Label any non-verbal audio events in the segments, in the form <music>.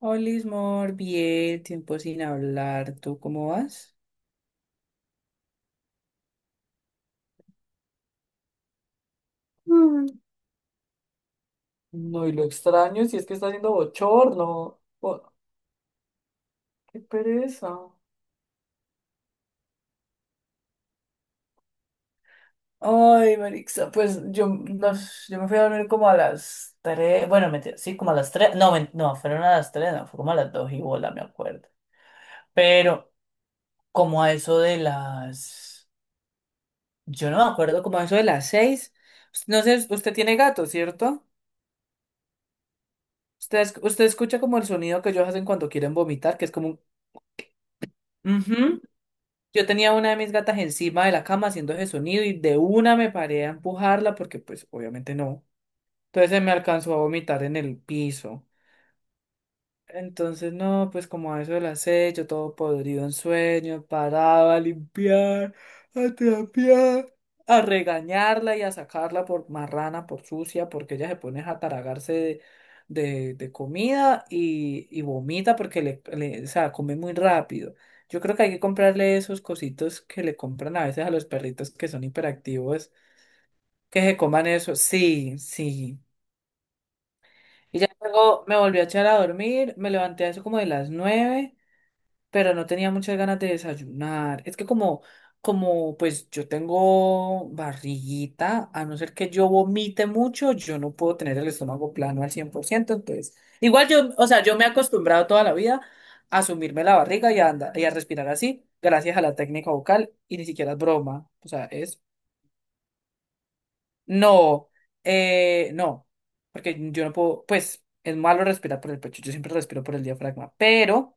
Olis, mor, bien, tiempo sin hablar. ¿Tú cómo vas? Mm. No, y lo extraño si es que está haciendo bochorno. Oh, qué pereza. Ay, Marixa, pues yo me fui a dormir como a las tres, bueno, mentira, sí, como a las 3, no, no, fueron a las 3, no, fue como a las 2 y bola, me acuerdo. Pero como a eso de las, yo no me acuerdo, como a eso de las 6, no sé, usted tiene gato, ¿cierto? Usted escucha como el sonido que ellos hacen cuando quieren vomitar, que es como un. Ujú. Yo tenía una de mis gatas encima de la cama haciendo ese sonido y de una me paré a empujarla porque pues obviamente no. Entonces se me alcanzó a vomitar en el piso. Entonces, no, pues como a eso de las seis, yo todo podrido en sueño, parado a limpiar, a trapear, a regañarla y a sacarla por marrana, por sucia, porque ella se pone a taragarse de comida y vomita porque o sea, come muy rápido. Yo creo que hay que comprarle esos cositos que le compran a veces a los perritos que son hiperactivos, que se coman eso. Sí, sí. Y ya luego me volví a echar a dormir, me levanté a eso como de las nueve, pero no tenía muchas ganas de desayunar. Es que como pues yo tengo barriguita, a no ser que yo vomite mucho, yo no puedo tener el estómago plano al cien por ciento, entonces, igual yo, o sea, yo me he acostumbrado toda la vida a sumirme la barriga y a andar, y a respirar así, gracias a la técnica vocal, y ni siquiera es broma, o sea, es, no, no, porque yo no puedo, pues, es malo respirar por el pecho, yo siempre respiro por el diafragma, pero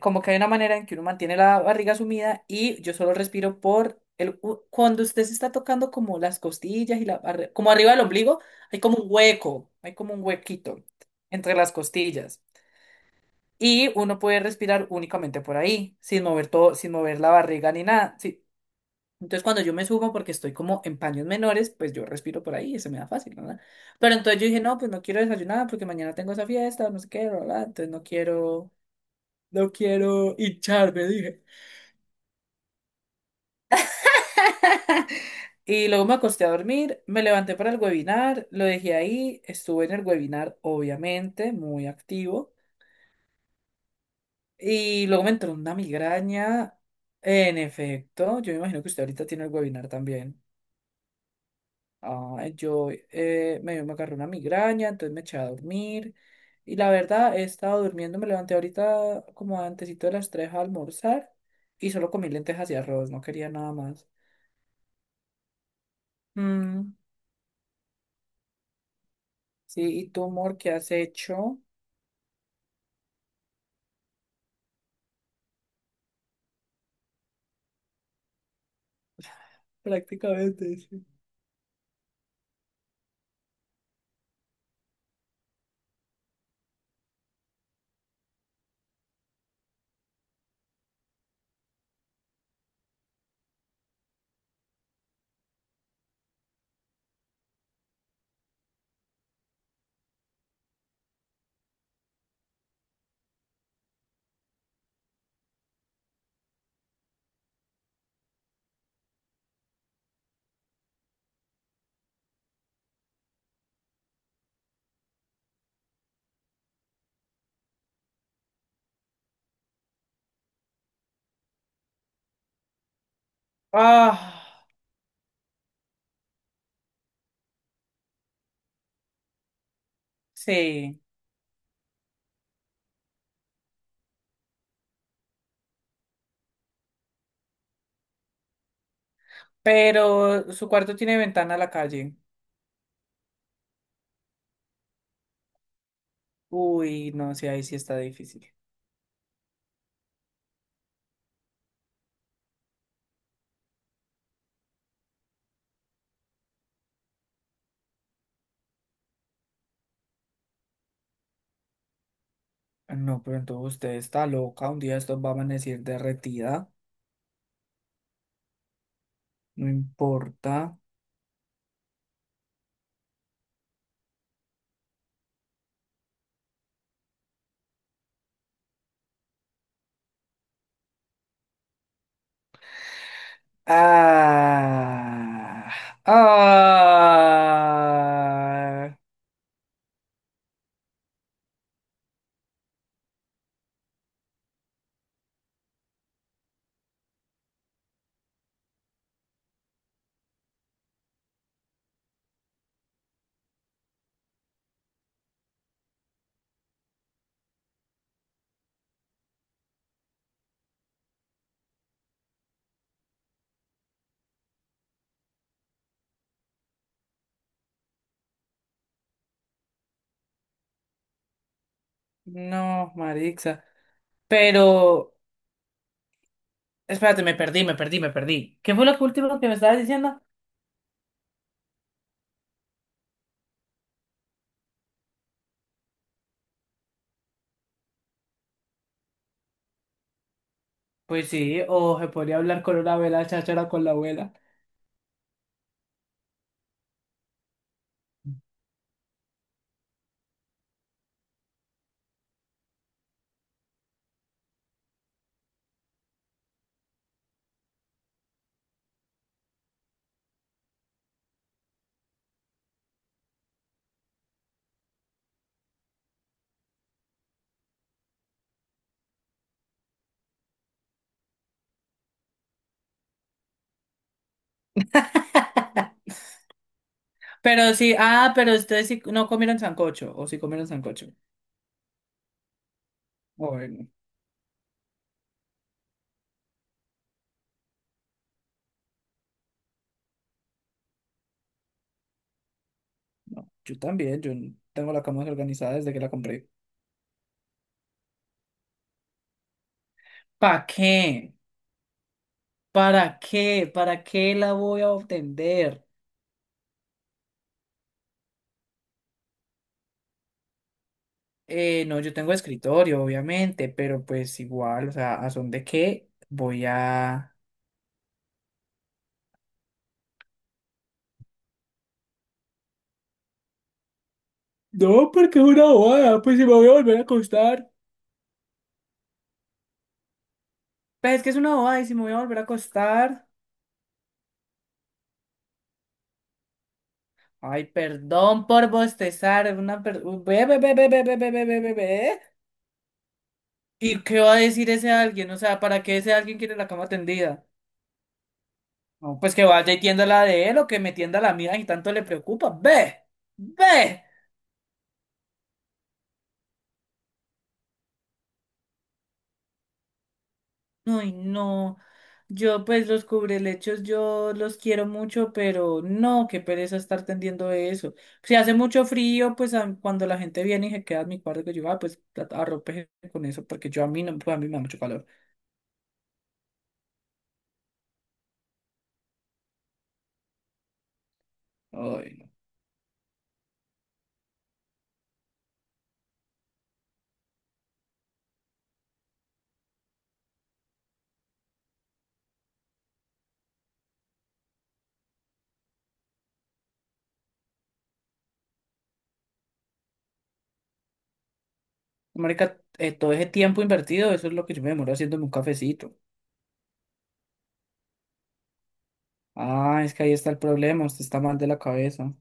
como que hay una manera en que uno mantiene la barriga sumida y yo solo respiro por cuando usted se está tocando como las costillas y como arriba del ombligo, hay como un hueco, hay como un huequito entre las costillas y uno puede respirar únicamente por ahí, sin mover todo, sin mover la barriga ni nada. Sí. Entonces cuando yo me subo porque estoy como en paños menores, pues yo respiro por ahí y se me da fácil, ¿verdad? Pero entonces yo dije, no, pues no quiero desayunar porque mañana tengo esa fiesta, no sé qué, ¿verdad? Entonces no quiero, no quiero hincharme, dije. Y luego me acosté a dormir, me levanté para el webinar, lo dejé ahí, estuve en el webinar, obviamente, muy activo. Y luego me entró una migraña. En efecto, yo me imagino que usted ahorita tiene el webinar también. Ah, yo me agarré una migraña, entonces me eché a dormir. Y la verdad, he estado durmiendo, me levanté ahorita como antesito de las 3 a almorzar y solo comí lentejas y arroz, no quería nada más. Mm, sí, ¿y tú, amor, qué has hecho? Prácticamente, sí. Ah, sí. Pero su cuarto tiene ventana a la calle. Uy, no, sí, ahí sí está difícil. No, pero entonces usted está loca. Un día esto va a amanecer derretida. No importa. Ah, ah. No, Marixa. Pero, espérate, me perdí, me perdí, me perdí. ¿Qué fue lo que último que me estabas diciendo? Pues sí, o se podría hablar con una abuela cháchara con la abuela. <laughs> Pero sí, ah, pero ustedes sí no comieron sancocho, o sí comieron sancocho. Bueno, no, yo también, yo tengo la cama organizada desde que la compré. ¿Para qué? ¿Para qué? ¿Para qué la voy a obtener? No, yo tengo escritorio, obviamente, pero pues igual, o sea, ¿a son de qué voy a...? No, porque es una bobada, pues si me voy a volver a acostar. Pues es que es una bobada y si me voy a volver a acostar. Ay, perdón por bostezar. Una per... Ve, ve, ve, ve, ve, ve, ve, ve, ve, ve, ve. ¿Y qué va a decir ese alguien? O sea, ¿para qué ese alguien quiere la cama tendida? No, pues que vaya y tienda la de él o que me tienda la mía y tanto le preocupa. ¡Ve! ¡Ve! Ay, no. Yo, pues, los cubrelechos, yo los quiero mucho, pero no, qué pereza estar tendiendo eso. Si hace mucho frío, pues cuando la gente viene y se queda en mi cuarto, que yo, ah, pues arrope con eso, porque yo a mí no, pues a mí me da mucho calor. Ay, no. Marica, todo ese tiempo invertido, eso es lo que yo me demoro haciéndome un cafecito. Ah, es que ahí está el problema, usted está mal de la cabeza.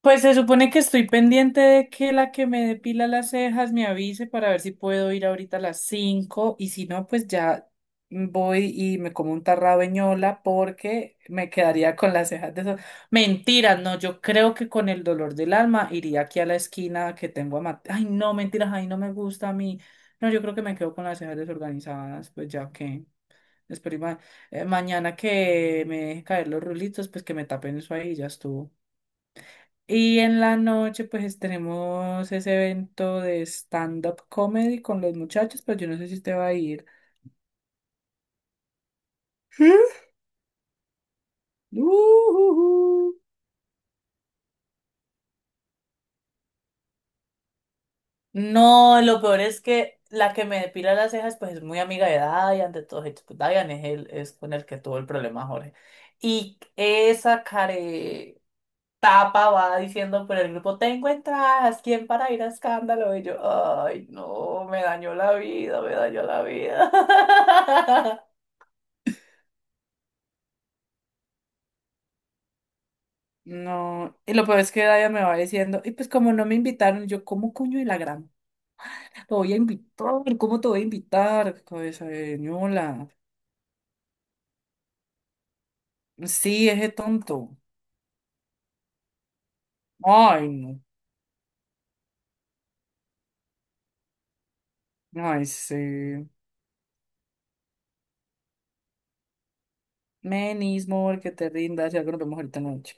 Pues se supone que estoy pendiente de que la que me depila las cejas me avise para ver si puedo ir ahorita a las 5 y si no, pues ya voy y me como un tarrabeñola porque me quedaría con las cejas de esas. Mentira, no, yo creo que con el dolor del alma iría aquí a la esquina que tengo a Mateo. Ay, no, mentiras, ay, no me gusta a mí. No, yo creo que me quedo con las cejas desorganizadas, pues ya que. Espero y mañana que me deje caer los rulitos, pues que me tapen eso ahí, ya estuvo. Y en la noche, pues tenemos ese evento de stand-up comedy con los muchachos, pero yo no sé si te va a ir. ¿Sí? Ujujú. No, lo peor es que la que me depila las cejas, pues es muy amiga de Dayan, de todos hechos. Pues Dayan es, el, es con el que tuvo el problema Jorge. Y esa care. Tapa va diciendo por el grupo, tengo entradas, ¿quién para ir a escándalo? Y yo, ay, no, me dañó la vida, me dañó la vida. <laughs> No, y lo peor es que Daya me va diciendo, y pues como no me invitaron, yo, ¿cómo coño de la gran? Lo voy a invitar, ¿cómo te voy a invitar? Cabeza de ñola. Sí, ese tonto. Ay, no. Ay, sí. Menis, amor, que te rindas, ya que nos vemos ahorita en la noche.